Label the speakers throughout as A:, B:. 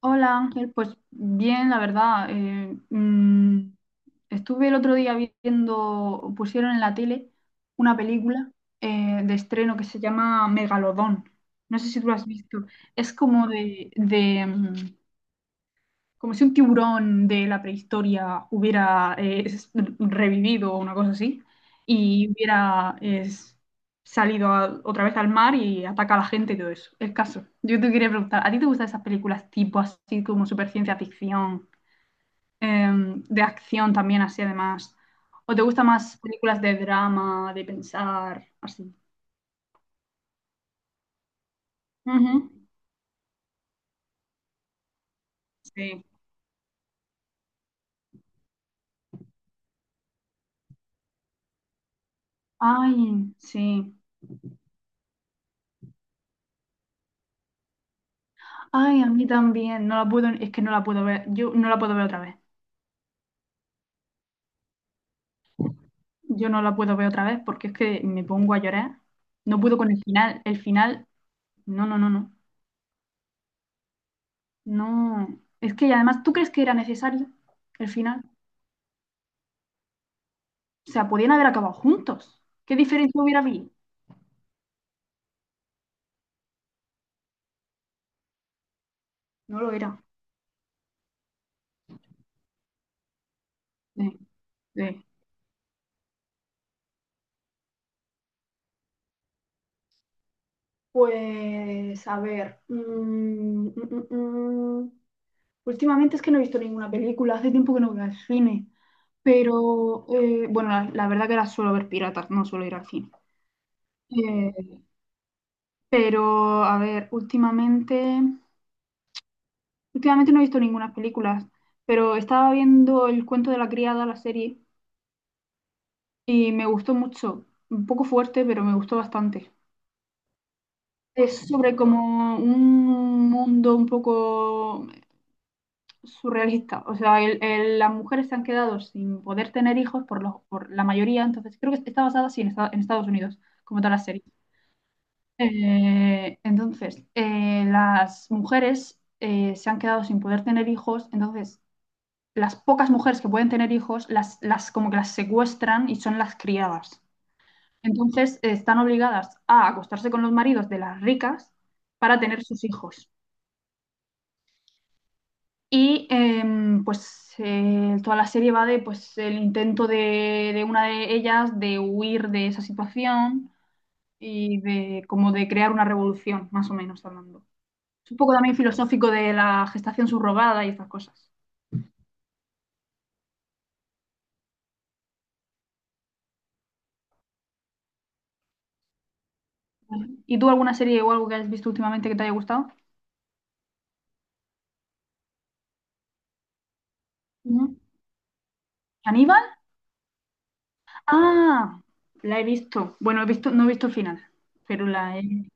A: Hola Ángel, pues bien, la verdad. Estuve el otro día viendo, pusieron en la tele una película de estreno que se llama Megalodón. No sé si tú lo has visto. Es como de, como si un tiburón de la prehistoria hubiera revivido o una cosa así, y hubiera salido otra vez al mar y ataca a la gente y todo eso. El caso. Yo te quería preguntar, ¿a ti te gustan esas películas tipo así como super ciencia ficción, de acción también así además? ¿O te gustan más películas de drama, de pensar, así? Ujú. Sí. Ay, sí. Ay, a mí también. No la puedo, es que no la puedo ver. Yo no la puedo ver otra vez. Yo no la puedo ver otra vez porque es que me pongo a llorar. No puedo con el final. El final, no, no, no, no. No. Es que y además, ¿tú crees que era necesario el final? O sea, podían haber acabado juntos. ¿Qué diferencia hubiera habido? No lo era. Sí, sí. Pues, a ver. Mm, mm. Últimamente es que no he visto ninguna película, hace tiempo que no voy al cine. Pero, bueno, la verdad que ahora suelo ver piratas, no suelo ir al cine. Eh, Pero, a ver, últimamente no he visto ninguna película, pero estaba viendo El cuento de la criada, la serie, y me gustó mucho. Un poco fuerte, pero me gustó bastante. Es sobre como un mundo un poco surrealista. O sea, las mujeres se han quedado sin poder tener hijos por, por la mayoría, entonces creo que está basada sí, en, en Estados Unidos, como toda la serie. Entonces, las mujeres se han quedado sin poder tener hijos, entonces las pocas mujeres que pueden tener hijos, las como que las secuestran y son las criadas. Entonces están obligadas a acostarse con los maridos de las ricas para tener sus hijos. Y pues toda la serie va de pues el intento de una de ellas de huir de esa situación y de como de crear una revolución, más o menos hablando. Es un poco también filosófico de la gestación subrogada y estas cosas. Ujú. ¿Y tú alguna serie o algo que hayas visto últimamente que te haya gustado? Ujú. ¿Aníbal? Ah, la he visto. Bueno, he visto, no he visto el final, pero la he...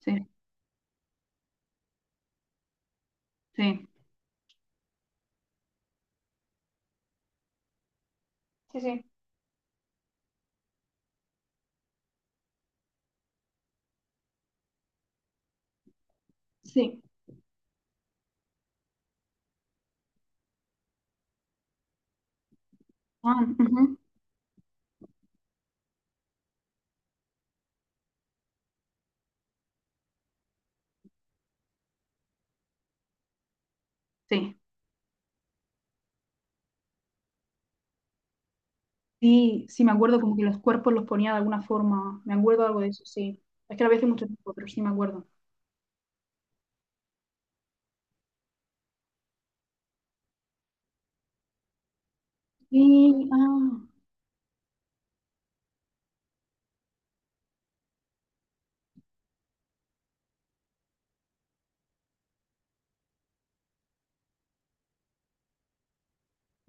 A: Sí, sí. Sí, sí. Sí. Ah, ujú. Sí, sí, sí, me acuerdo como que los cuerpos los ponía de alguna forma. Me acuerdo algo de eso, sí. Es que la vi hace mucho tiempo, pero sí me acuerdo. Y, ah,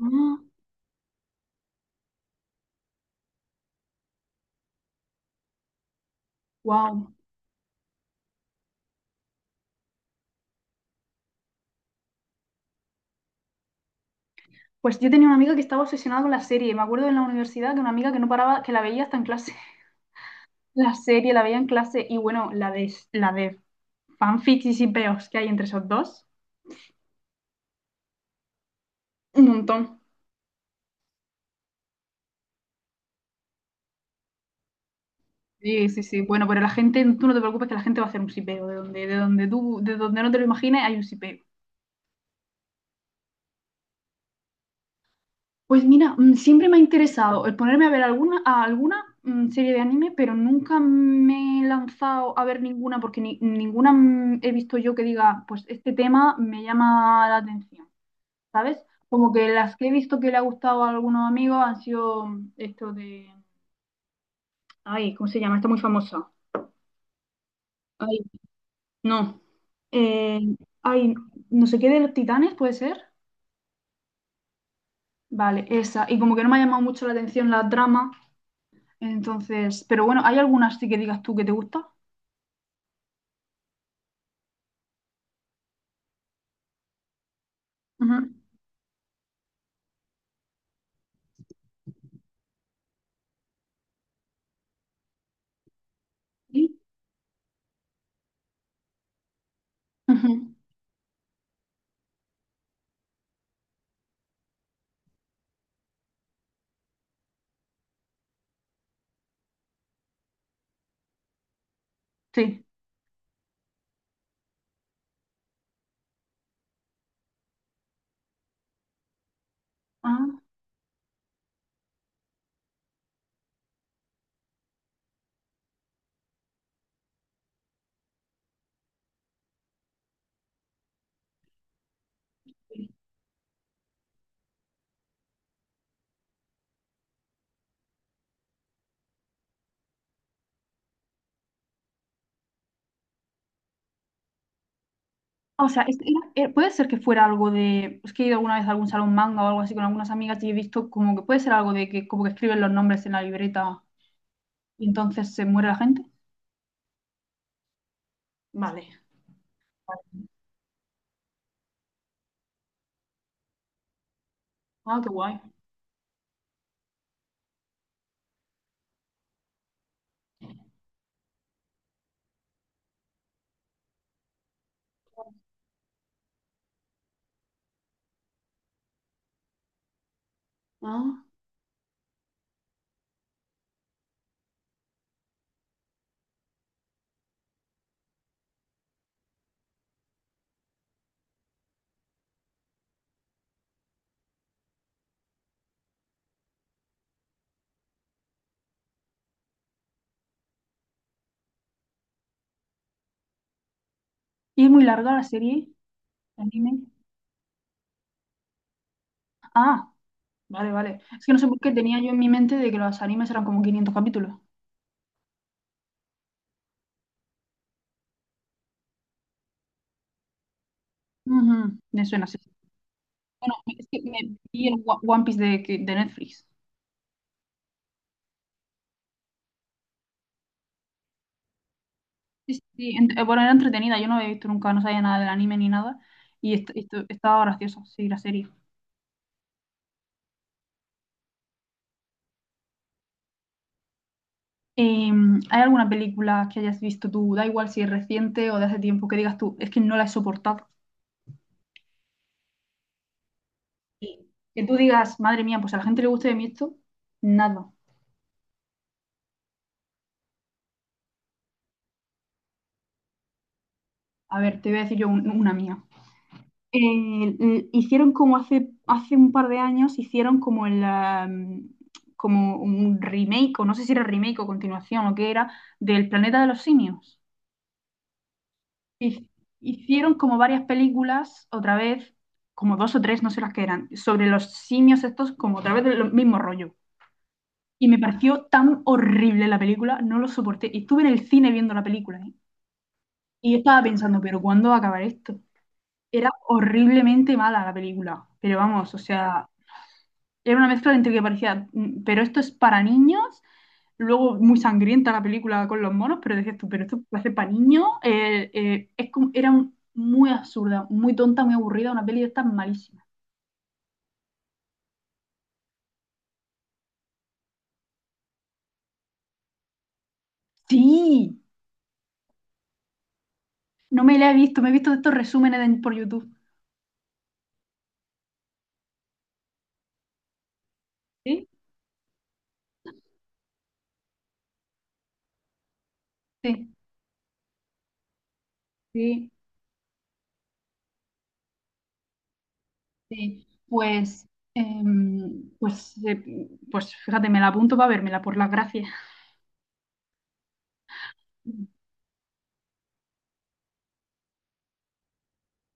A: ah, wow. Pues yo tenía una amiga que estaba obsesionada con la serie. Me acuerdo en la universidad que una amiga que no paraba, que la veía hasta en clase. La serie la veía en clase y bueno, la de fanfics y peos que hay entre esos dos. Un montón. Sí, sí, sí. Bueno, pero la gente, tú no te preocupes que la gente va a hacer un sipeo. De donde tú, de donde no te lo imagines, hay un sipeo. Pues mira, siempre me ha interesado el ponerme a ver a alguna serie de anime, pero nunca me he lanzado a ver ninguna porque ninguna he visto yo que diga, pues este tema me llama la atención, ¿sabes? Como que las que he visto que le ha gustado a algunos amigos han sido esto de, ay, ¿cómo se llama? Está muy famosa. Ay, no. Eh, ay, no sé qué de los titanes, ¿puede ser? Vale, esa. Y como que no me ha llamado mucho la atención la trama, entonces, pero bueno, ¿hay algunas sí que digas tú que te gusta? Ujú. Sí. Ujú. Sí. Ah, sí. O sea, puede ser que fuera algo de, es que he ido alguna vez a algún salón manga o algo así con algunas amigas y he visto como que puede ser algo de que como que escriben los nombres en la libreta y entonces se muere la gente. Vale. Ah, qué guay. Ah. Y es muy larga la serie, el anime. Ah, vale, vale. Es que no sé por qué tenía yo en mi mente de que los animes eran como 500 capítulos. Ujú, me suena así. Bueno, es que me vi el One Piece de, de Netflix. Sí, sí, sí, bueno, era entretenida, yo no había visto nunca, no sabía nada del anime ni nada. Y estaba gracioso, sí, la serie. ¿Hay alguna película que hayas visto tú? Da igual si es reciente o de hace tiempo, que digas tú, es que no la he soportado. Sí. Que tú digas, madre mía, pues a la gente le guste de mí esto, nada. A ver, te voy a decir yo una mía. Hicieron como hace un par de años, hicieron como un remake, o no sé si era remake o continuación o qué era, del Planeta de los Simios. Hic- Hicieron como varias películas, otra vez, como 2 o 3, no sé las que eran, sobre los simios estos, como otra vez el mismo rollo. Y me pareció tan horrible la película, no lo soporté. Y estuve en el cine viendo la película, ¿eh? Y estaba pensando, ¿pero cuándo va a acabar esto? Era horriblemente mala la película, pero vamos, o sea, era una mezcla entre que parecía, pero esto es para niños, luego muy sangrienta la película con los monos, pero decías tú, pero esto parece para niños. Es como- era un- Muy absurda, muy tonta, muy aburrida, una peli de estas malísima. Sí, no me la he visto, me he visto de estos resúmenes por YouTube. Sí, sí, sí, sí. Pues fíjate, me la apunto para vérmela, por las gracias.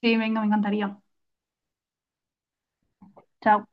A: Sí, venga, me encantaría. Chao.